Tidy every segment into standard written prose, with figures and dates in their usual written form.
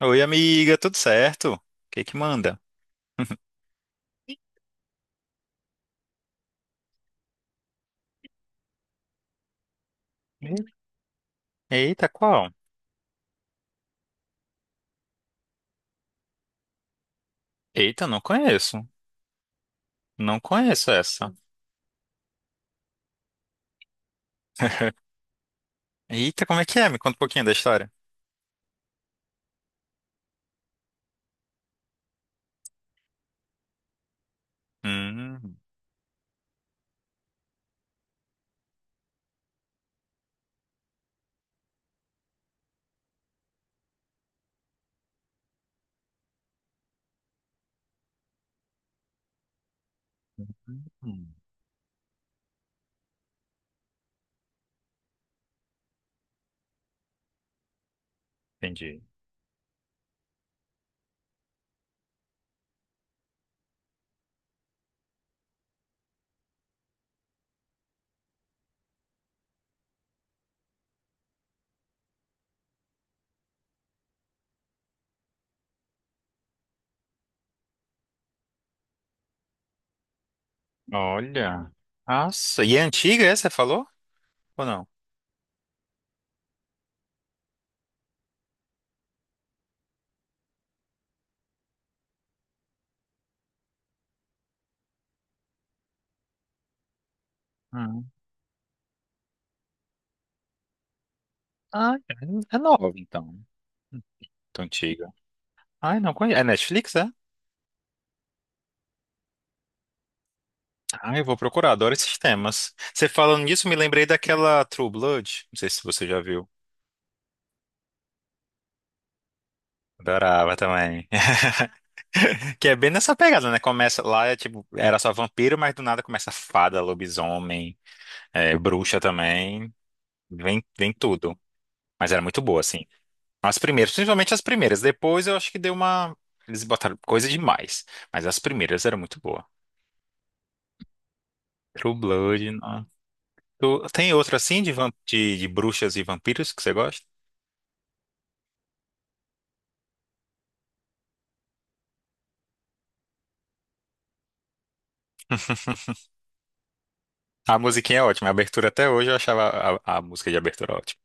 Oi, amiga, tudo certo? O que que manda? Eita, qual? Eita, não conheço. Não conheço essa. Eita, como é que é? Me conta um pouquinho da história. Hum, hum, entendi. Olha. Nossa, e é antiga essa, você falou? Ou não? Hum. Ah, é nova, então. Tão antiga. Ai, não conheço. É Netflix, é? Ah, eu vou procurar, adoro esses temas. Você falando nisso, me lembrei daquela True Blood. Não sei se você já viu. Adorava também. Que é bem nessa pegada, né? Começa lá, é tipo, era só vampiro, mas do nada começa fada, lobisomem, é, bruxa também. Vem, vem tudo. Mas era muito boa, assim. As primeiras, principalmente as primeiras. Depois eu acho que deu uma. Eles botaram coisa demais. Mas as primeiras eram muito boa. True Blood, não. Tem outra assim de, de bruxas e vampiros que você gosta? A musiquinha é ótima. A abertura até hoje eu achava a música de abertura ótima.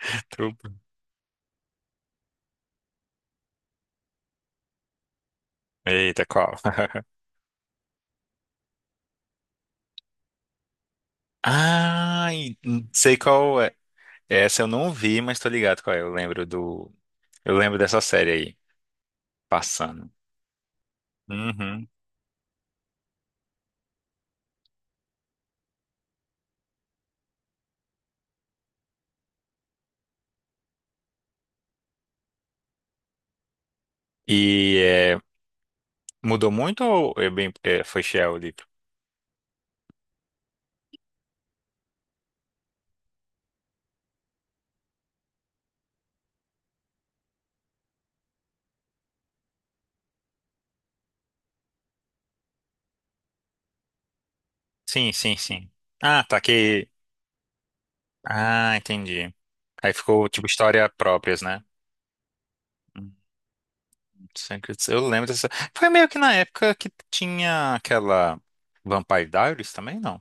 True Blood. Eita, qual? Ah, sei qual é. Essa eu não vi, mas tô ligado qual é. Eu lembro do. Eu lembro dessa série aí, passando. Uhum. E é, mudou muito ou é bem, é, foi fiel o livro? Sim, sim, sim. Ah, tá que. Ah, entendi. Aí ficou tipo história próprias, né? Hum, Eu lembro dessa. Foi meio que na época que tinha aquela Vampire Diaries também, não?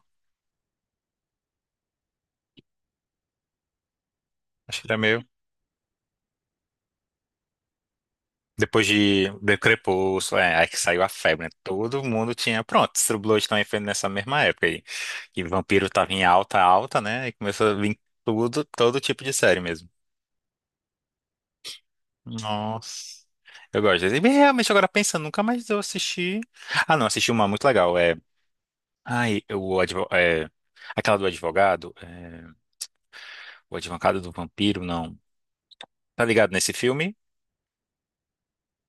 Acho que era meio. Depois de Crepúsculo, é, aí que saiu a febre, né? Todo mundo tinha. Pronto, True Blood também foi nessa mesma época aí. E Vampiro tava em alta, alta, né? E começou a vir tudo, todo tipo de série mesmo. Nossa. Eu gosto. E realmente, agora pensando, nunca mais eu assisti. Ah, não, assisti uma muito legal. É. Ai, aquela do advogado. O advogado do vampiro, não. Tá ligado nesse filme?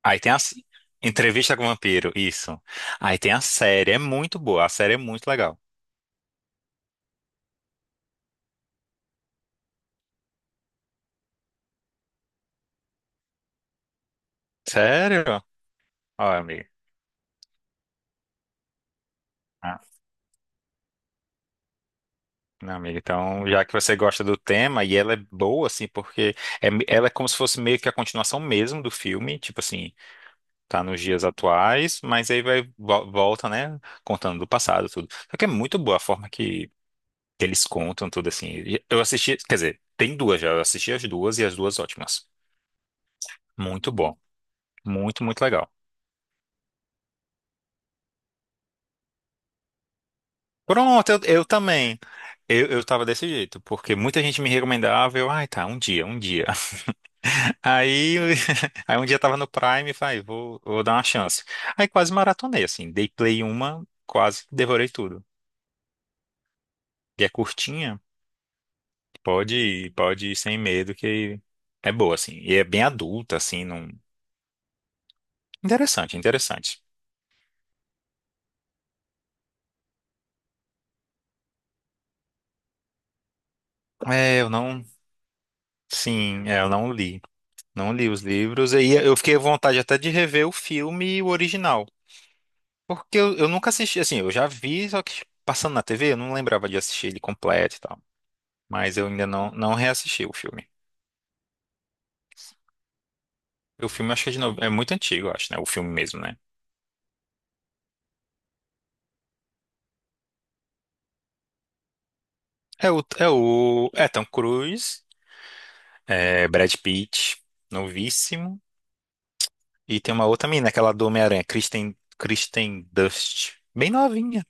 Aí tem a. s- Entrevista com o Vampiro, isso. Aí tem a série, é muito boa, a série é muito legal. Sério? Ó, amigo. Ah, não, amigo. Então, já que você gosta do tema e ela é boa, assim, porque é, ela é como se fosse meio que a continuação mesmo do filme, tipo assim, tá nos dias atuais, mas aí volta, né, contando do passado tudo. Só que é muito boa a forma que eles contam tudo assim. E eu assisti, quer dizer, tem duas já. Eu assisti as duas e as duas ótimas. Muito bom, muito, muito legal. Pronto, eu também. Eu tava desse jeito, porque muita gente me recomendava, eu, ai, tá, um dia, um dia. Aí, aí um dia tava no Prime e falei, vou, vou dar uma chance. Aí quase maratonei, assim, dei play uma, quase devorei tudo. E é curtinha, pode ir sem medo, que é boa, assim. E é bem adulta, assim, não... Interessante, interessante. É, eu não... Sim, é, eu não li. Não li os livros, aí eu fiquei à vontade até de rever o filme e o original. Porque eu nunca assisti, assim, eu já vi, só que passando na TV, eu não lembrava de assistir ele completo e tal. Mas eu ainda não, não reassisti o filme. O filme acho que é de novo, é muito antigo, eu acho, né? O filme mesmo, né? É o, é o é Tom Cruise, é Brad Pitt, novíssimo, e tem uma outra menina, aquela do Homem-Aranha, Kristen Dust, bem novinha,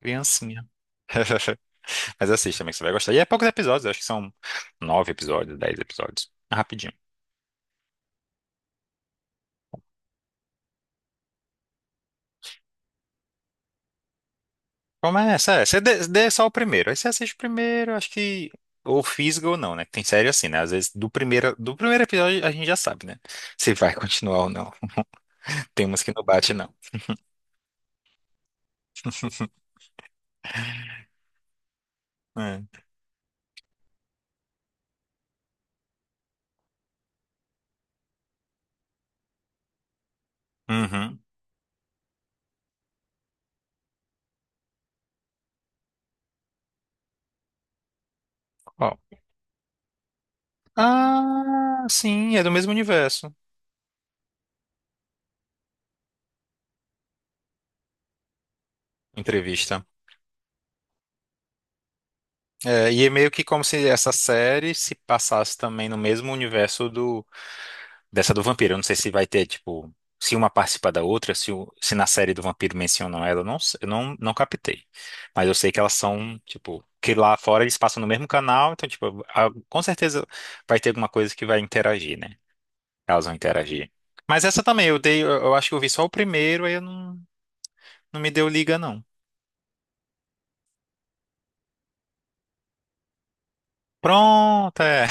criancinha. Mas assista também, que você vai gostar. E é poucos episódios, acho que são nove episódios, dez episódios. É rapidinho. Começa, é, você dê só o primeiro. Aí você assiste o primeiro, acho que. Ou fisga ou não, né? Que tem série assim, né? Às vezes do primeiro episódio a gente já sabe, né? Se vai continuar ou não. Tem umas que não bate, não. É. Uhum. Ó. Ah, sim, é do mesmo universo. Entrevista. É, e é meio que como se essa série se passasse também no mesmo universo do dessa do vampiro, eu não sei se vai ter, tipo, se uma participa da outra, se na série do vampiro mencionam ela, eu não, não captei. Mas eu sei que elas são, tipo, que lá fora eles passam no mesmo canal, então, tipo, com certeza vai ter alguma coisa que vai interagir, né? Elas vão interagir. Mas essa também, eu acho que eu vi só o primeiro, aí eu não, não me deu liga, não. Pronto, é.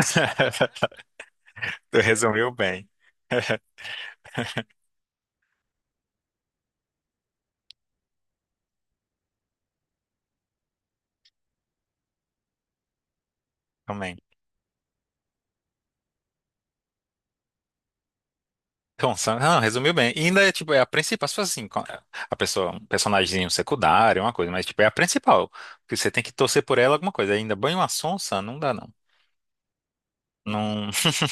Tu resumiu bem, também. Então, não, resumiu bem. E ainda é, tipo, é a principal, se fosse assim, a pessoa, um personagemzinho secundário, uma coisa, mas, tipo, é a principal, porque você tem que torcer por ela alguma coisa. Ainda banho uma sonsa, não dá, não. Não...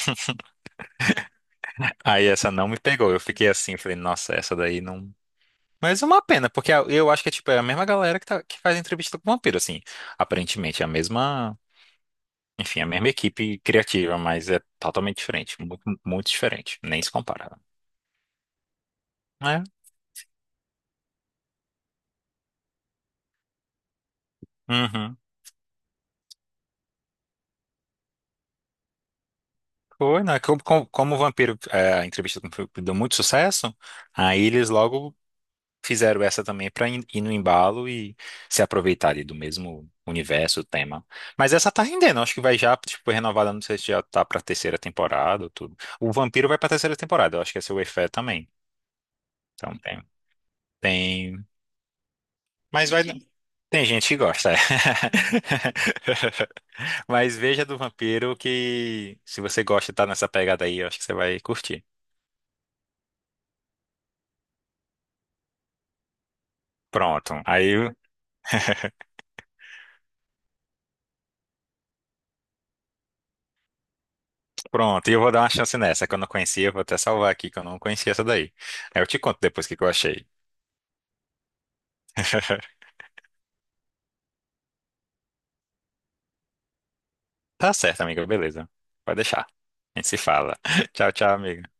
Aí essa não me pegou, eu fiquei assim, falei, nossa, essa daí não... Mas é uma pena, porque eu acho que é, tipo, é a mesma galera que faz entrevista com o vampiro, assim, aparentemente, é a mesma, enfim, a mesma equipe criativa, mas é totalmente diferente, muito, muito diferente, nem se compara. É. Uhum. Foi, né? Como o Vampiro, é, a entrevista com o Vampiro deu muito sucesso, aí eles logo fizeram essa também para ir no embalo e se aproveitar ali do mesmo universo, tema. Mas essa tá rendendo, acho que vai já, tipo, foi renovada, não sei se já tá pra terceira temporada ou tudo. O Vampiro vai pra terceira temporada, eu acho que essa é o Wayfair também. Então tem, tem... Mas vai... Tem gente que gosta, é. Mas veja do Vampiro que se você gosta e tá nessa pegada aí, eu acho que você vai curtir. Pronto. Aí, pronto. E eu vou dar uma chance nessa que eu não conhecia. Eu vou até salvar aqui que eu não conhecia essa daí. Aí eu te conto depois o que que eu achei. Tá certo, amiga. Beleza. Pode deixar. A gente se fala. Tchau, tchau, amigo.